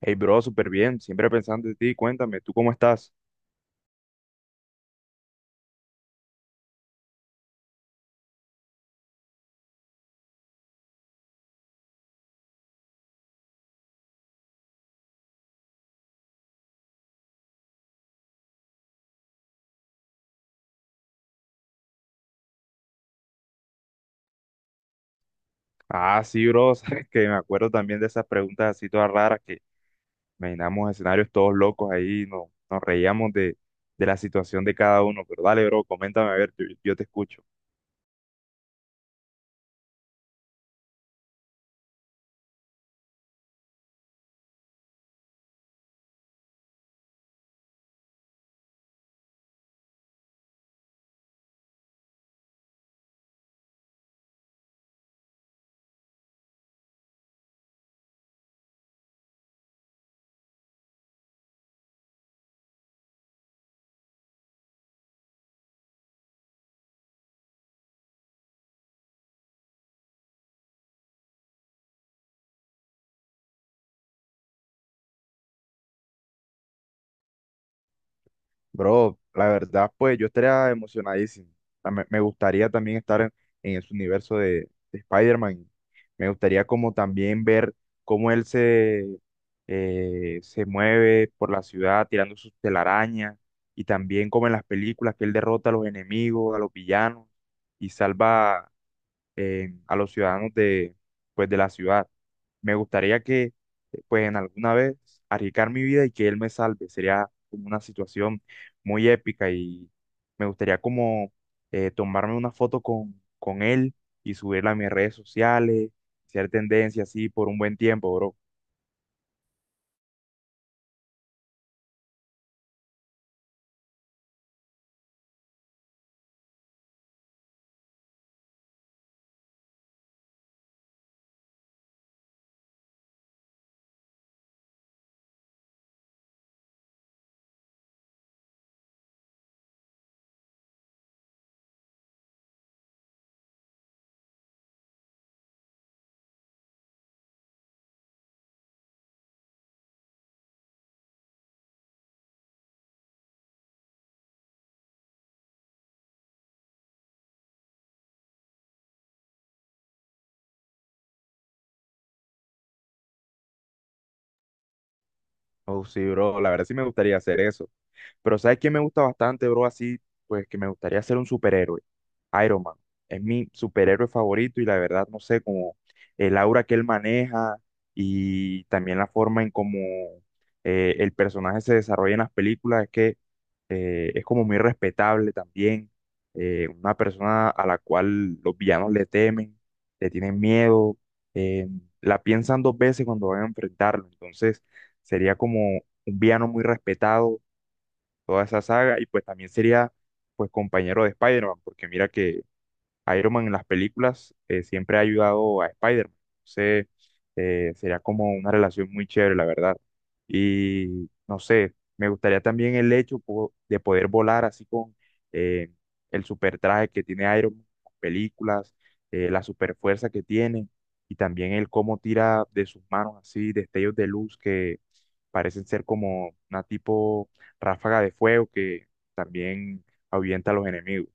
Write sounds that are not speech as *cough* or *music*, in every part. Hey, bro, súper bien. Siempre pensando en ti. Cuéntame, ¿tú cómo estás? Sí, bro. *laughs* Sabes que me acuerdo también de esas preguntas así todas raras que imaginamos escenarios todos locos ahí. Nos reíamos de la situación de cada uno. Pero dale, bro, coméntame a ver, yo te escucho. Bro, la verdad, pues yo estaría emocionadísimo. Me gustaría también estar en ese universo de Spider-Man. Me gustaría como también ver cómo él se mueve por la ciudad tirando sus telarañas, y también como en las películas, que él derrota a los enemigos, a los villanos, y salva a los pues, de la ciudad. Me gustaría que, pues, en alguna vez arriesgar mi vida y que él me salve. Sería como una situación muy épica, y me gustaría como tomarme una foto con él y subirla a mis redes sociales, ser tendencia así por un buen tiempo, bro. Oh, sí, bro, la verdad sí me gustaría hacer eso. Pero ¿sabes quién me gusta bastante, bro? Así, pues que me gustaría ser un superhéroe. Iron Man. Es mi superhéroe favorito, y la verdad, no sé, como el aura que él maneja, y también la forma en cómo el personaje se desarrolla en las películas, es que es como muy respetable también. Una persona a la cual los villanos le temen, le tienen miedo, eh, la piensan dos veces cuando van a enfrentarlo. Entonces, sería como un villano muy respetado toda esa saga, y pues también sería pues compañero de Spider-Man, porque mira que Iron Man en las películas siempre ha ayudado a Spider-Man. Entonces, sería como una relación muy chévere, la verdad. Y no sé, me gustaría también el hecho de poder volar así con eh, el super traje que tiene Iron Man en las películas, la super fuerza que tiene, y también el cómo tira de sus manos así destellos de luz que parecen ser como una tipo ráfaga de fuego que también ahuyenta a los enemigos.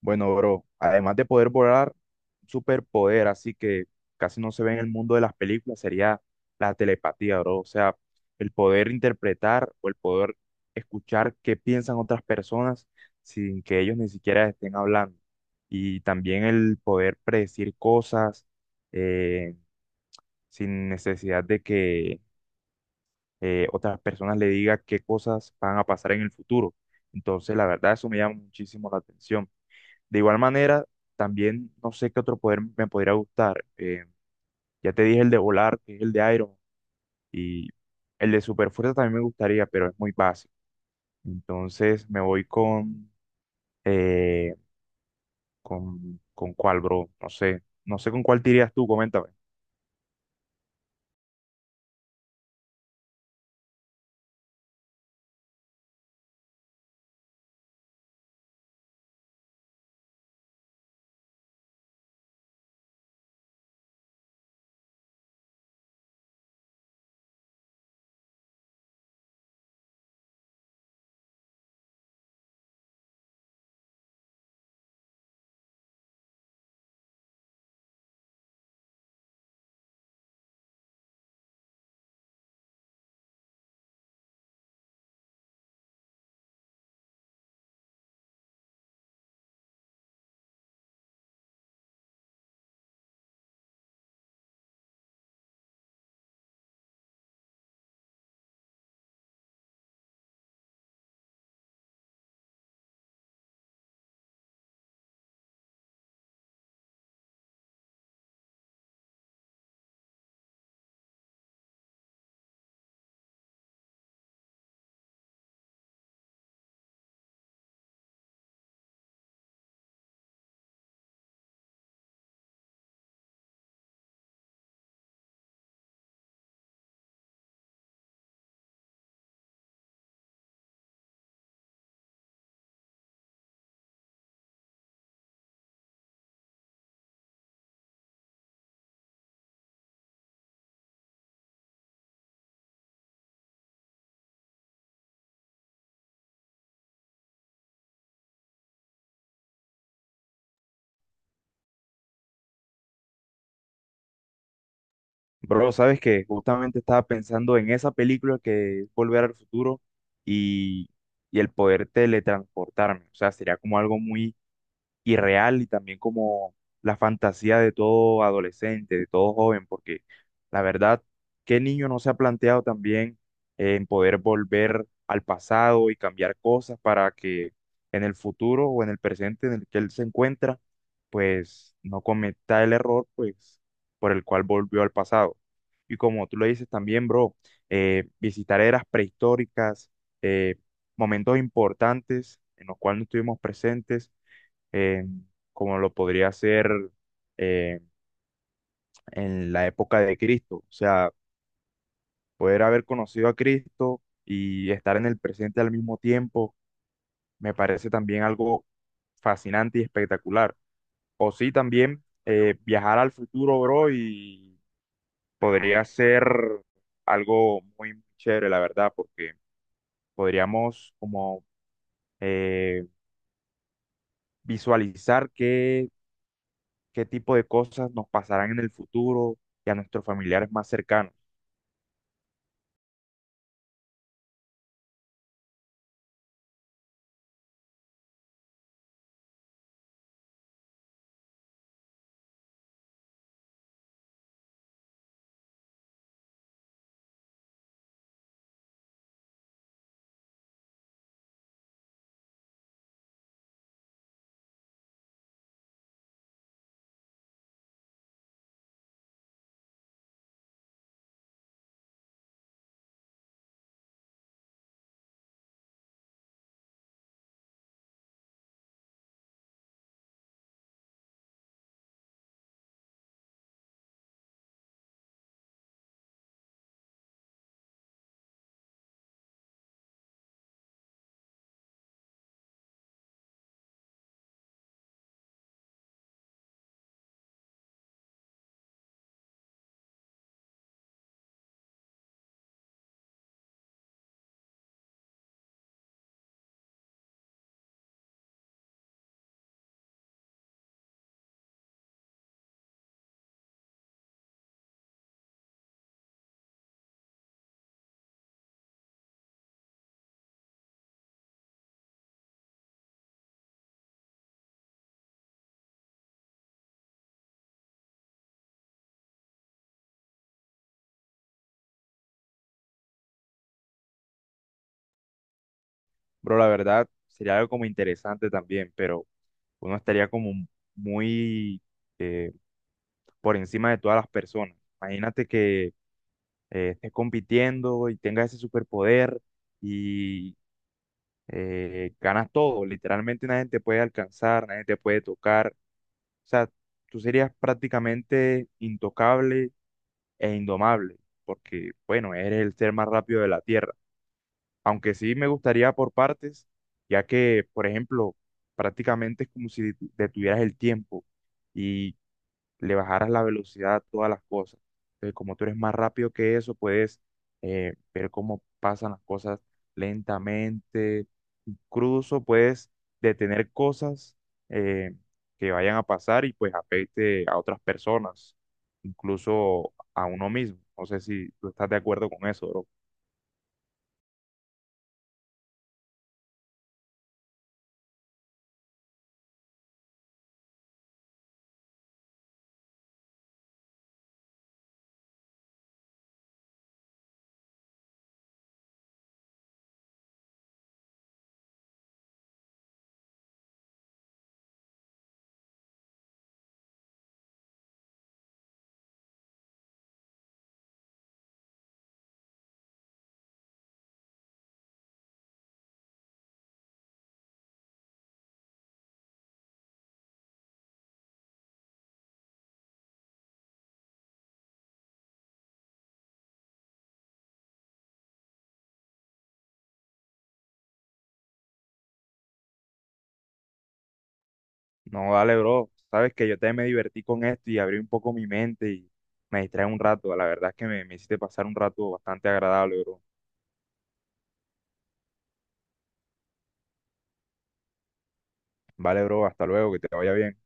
Bueno, bro, además de poder volar, un superpoder, así que casi no se ve en el mundo de las películas, sería la telepatía, bro. O sea, el poder interpretar o el poder escuchar qué piensan otras personas sin que ellos ni siquiera estén hablando. Y también el poder predecir cosas eh, sin necesidad de que otras personas le digan qué cosas van a pasar en el futuro. Entonces, la verdad, eso me llama muchísimo la atención. De igual manera, también no sé qué otro poder me podría gustar. Ya te dije el de volar, que es el de Iron, Man, y el de superfuerza también me gustaría, pero es muy básico. Entonces me voy eh, con cuál, bro. No sé, no sé con cuál te irías tú, coméntame. Bro, sabes que justamente estaba pensando en esa película que es Volver al Futuro y, y el poder teletransportarme. O sea, sería como algo muy y real, y también como la fantasía de todo adolescente, de todo joven, porque la verdad, ¿qué niño no se ha planteado también en poder volver al pasado y cambiar cosas para que en el futuro o en el presente en el que él se encuentra, pues no cometa el error, pues por el cual volvió al pasado? Y como tú lo dices también, bro, visitar eras prehistóricas, eh, momentos importantes en los cuales no estuvimos presentes eh, como lo podría ser eh, en la época de Cristo. O sea, poder haber conocido a Cristo y estar en el presente al mismo tiempo me parece también algo fascinante y espectacular. O sí, también viajar al futuro, bro, y podría ser algo muy chévere, la verdad, porque podríamos como eh, visualizar qué tipo de cosas nos pasarán en el futuro y a nuestros familiares más cercanos. Bro, la verdad, sería algo como interesante también, pero uno estaría como muy eh, por encima de todas las personas. Imagínate que estés compitiendo y tengas ese superpoder y ganas todo. Literalmente nadie te puede alcanzar, nadie te puede tocar. O sea, tú serías prácticamente intocable e indomable, porque, bueno, eres el ser más rápido de la Tierra. Aunque sí me gustaría por partes, ya que, por ejemplo, prácticamente es como si detuvieras el tiempo y le bajaras la velocidad a todas las cosas. Entonces, como tú eres más rápido que eso, puedes ver cómo pasan las cosas lentamente, incluso puedes detener cosas eh, que vayan a pasar y pues afecte a otras personas, incluso a uno mismo. No sé si tú estás de acuerdo con eso, bro. No, dale, bro. Sabes que yo también me divertí con esto y abrí un poco mi mente, y me distrae un rato. La verdad es que me hiciste pasar un rato bastante agradable, bro. Vale, bro. Hasta luego. Que te vaya bien.